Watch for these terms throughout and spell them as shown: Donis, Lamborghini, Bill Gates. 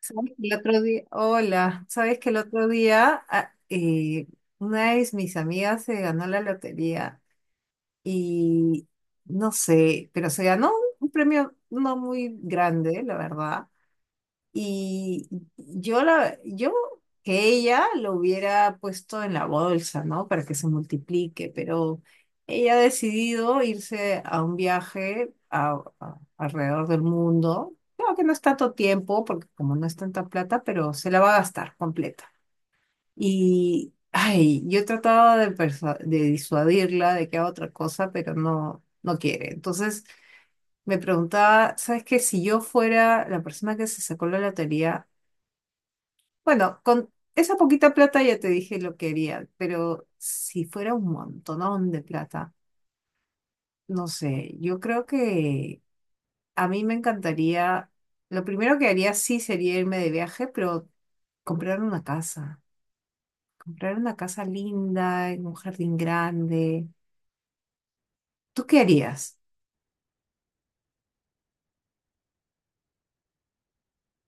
Sabes que El otro día, Hola, sabes que el otro día, una de mis amigas se ganó la lotería y no sé, pero se ganó un premio no muy grande, la verdad. Y yo que ella lo hubiera puesto en la bolsa, ¿no? Para que se multiplique, pero ella ha decidido irse a un viaje alrededor del mundo. Claro que no es tanto tiempo, porque como no es tanta plata, pero se la va a gastar completa. Y, ay, yo he tratado de disuadirla de que haga otra cosa, pero no, no quiere. Entonces me preguntaba, ¿sabes qué? Si yo fuera la persona que se sacó la lotería, bueno, con esa poquita plata ya te dije lo que haría, pero si fuera un montonón de plata, no sé, yo creo que a mí me encantaría, lo primero que haría sí sería irme de viaje, pero comprar una casa, comprar una casa linda, en un jardín grande. ¿Tú qué harías?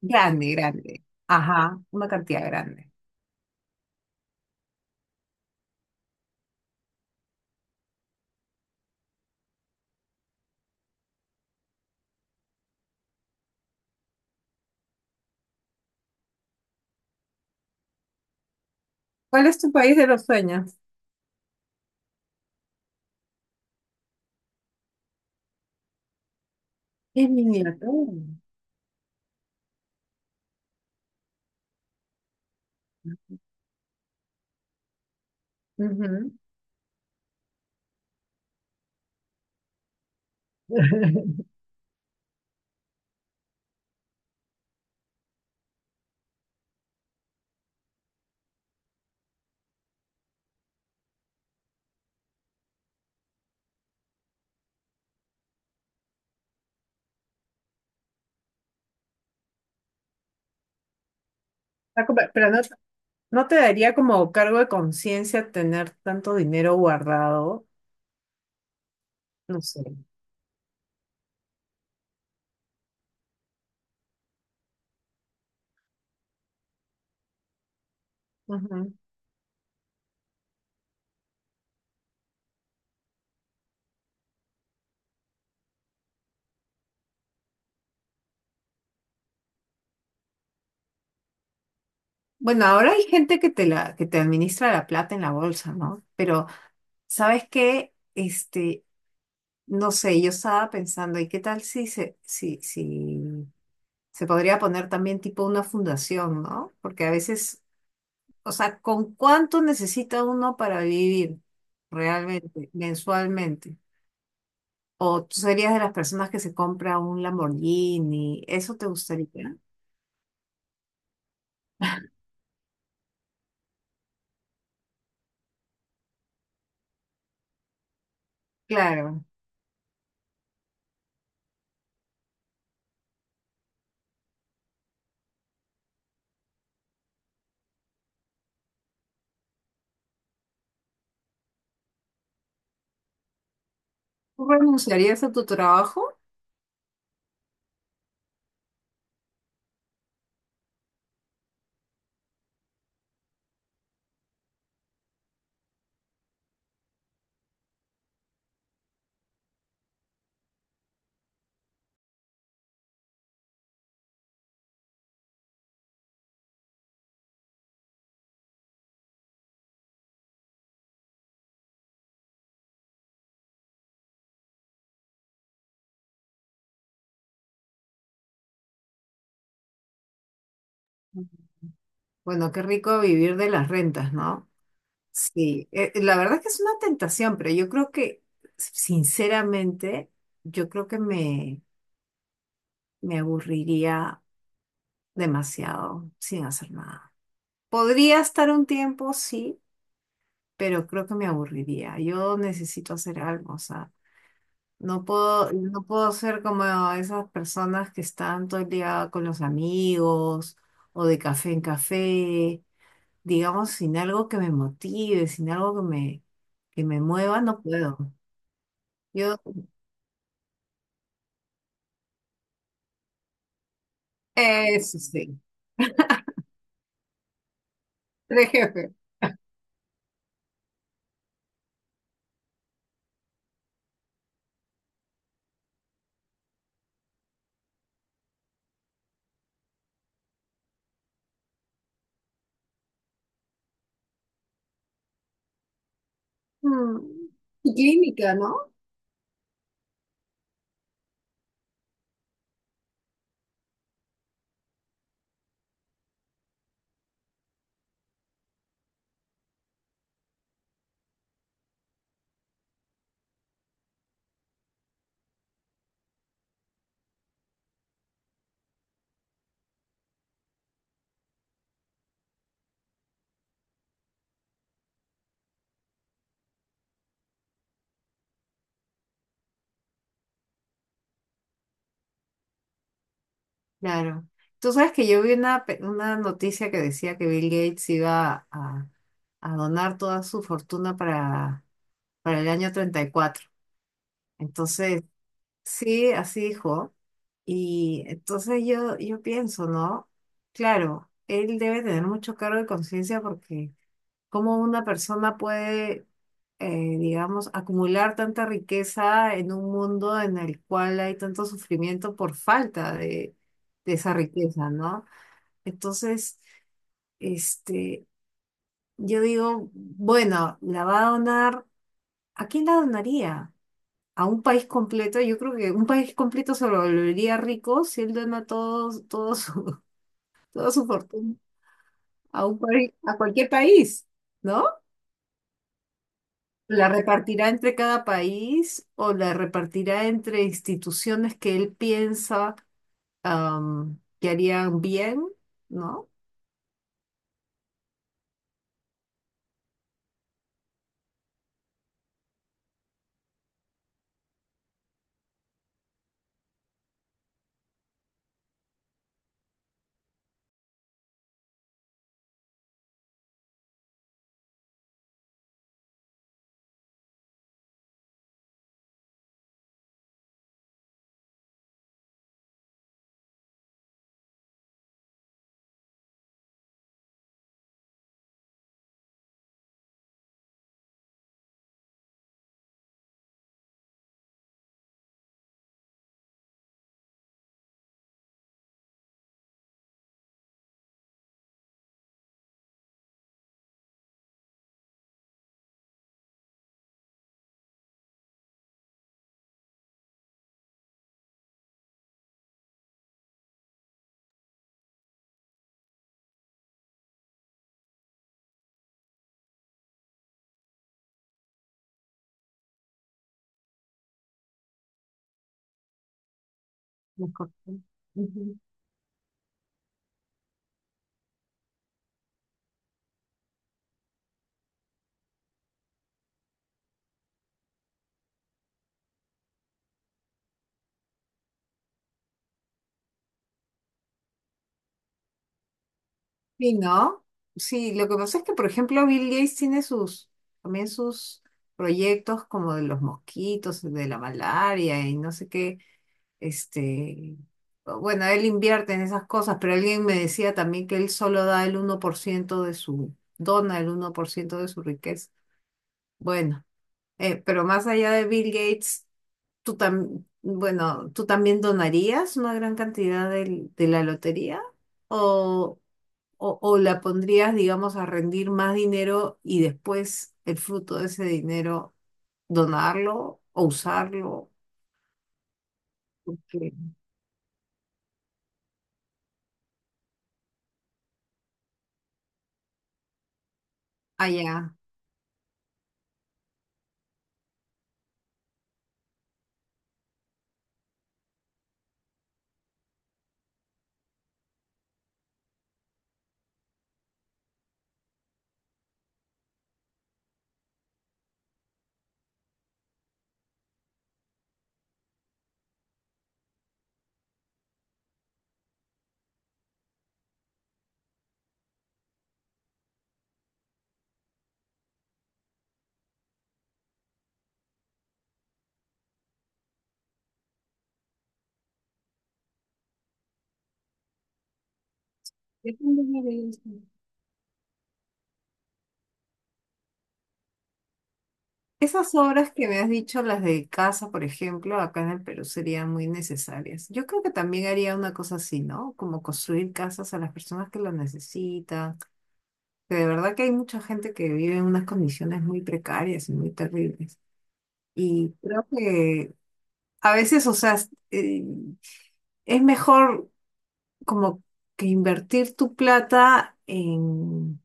Grande, grande. Ajá, una cantidad grande. ¿Cuál es tu país de los sueños? Es miniatura. Ujú. Pero no, ¿no te daría como cargo de conciencia tener tanto dinero guardado? No sé. Ujú. Bueno, ahora hay gente que te la, que te administra la plata en la bolsa, ¿no? Pero, ¿sabes qué? Este, no sé, yo estaba pensando, ¿y qué tal si se podría poner también tipo una fundación, ¿no? Porque a veces, o sea, ¿con cuánto necesita uno para vivir realmente, mensualmente? ¿O tú serías de las personas que se compra un Lamborghini? ¿Eso te gustaría? Claro. ¿Tú renunciarías a tu trabajo? Bueno, qué rico vivir de las rentas, ¿no? Sí, la verdad es que es una tentación, pero yo creo que, sinceramente, yo creo que me aburriría demasiado sin hacer nada. Podría estar un tiempo, sí, pero creo que me aburriría. Yo necesito hacer algo, o sea, no puedo, no puedo ser como esas personas que están todo el día con los amigos o de café en café, digamos, sin algo que me motive, sin algo que me mueva, no puedo. Yo, Eso sí, tres jefes. Mm, Y clínica, ¿no? Claro. Tú sabes que yo vi una noticia que decía que Bill Gates iba a donar toda su fortuna para el año treinta y cuatro. Entonces, sí, así dijo. Y entonces yo pienso, ¿no? Claro, él debe tener mucho cargo de conciencia porque cómo una persona puede, digamos, acumular tanta riqueza en un mundo en el cual hay tanto sufrimiento por falta de esa riqueza, ¿no? Entonces, este, yo digo, bueno, la va a donar, ¿a quién la donaría? A un país completo. Yo creo que un país completo se lo volvería rico si él dona toda su fortuna a un país, a cualquier país, ¿no? La repartirá entre cada país o la repartirá entre instituciones que él piensa, que harían bien, ¿no? Mejor. Ujú. Sí, ¿no? Sí, lo que pasa es que, por ejemplo, Bill Gates tiene también sus proyectos como de los mosquitos, de la malaria y no sé qué. Este, bueno, él invierte en esas cosas, pero alguien me decía también que él solo da el 1% de su, dona el 1% de su riqueza. Bueno, pero más allá de Bill Gates, bueno, ¿tú también donarías una gran cantidad de la lotería? ¿O, o la pondrías, digamos, a rendir más dinero y después el fruto de ese dinero donarlo o usarlo? Que- Ah, ya. Depende de eso. Esas obras que me has dicho, las de casa, por ejemplo, acá en el Perú serían muy necesarias. Yo creo que también haría una cosa así, ¿no? Como construir casas a las personas que lo necesitan. Que de verdad que hay mucha gente que vive en unas condiciones muy precarias y muy terribles. Y creo que a veces, o sea, es mejor como que invertir tu plata en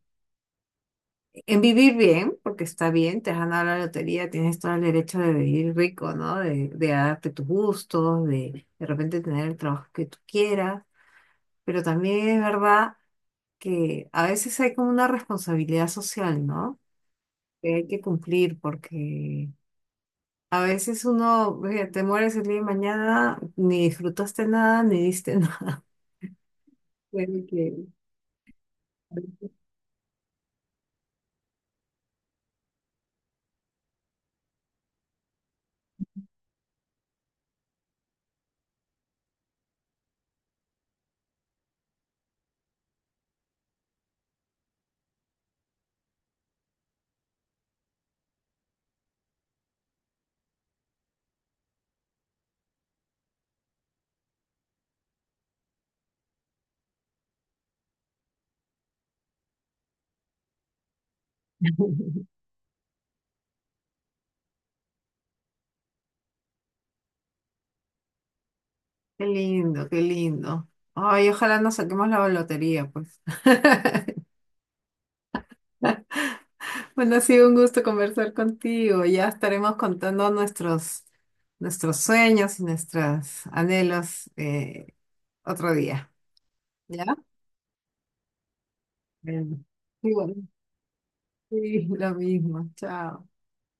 En vivir bien, porque está bien, te has ganado la lotería, tienes todo el derecho de vivir rico, ¿no? De darte tus gustos, de repente tener el trabajo que tú quieras, pero también es verdad que a veces hay como una responsabilidad social, ¿no? Que hay que cumplir porque a veces uno, oye, te mueres el día de mañana, ni disfrutaste nada, ni diste nada. Bueno, qué lindo, qué lindo. Ay, ojalá nos saquemos la lotería, pues. Bueno, ha sido un gusto conversar contigo. Ya estaremos contando nuestros sueños y nuestros anhelos, otro día. ¿Ya? Bueno. Igual. Sí, lo mismo. Chao.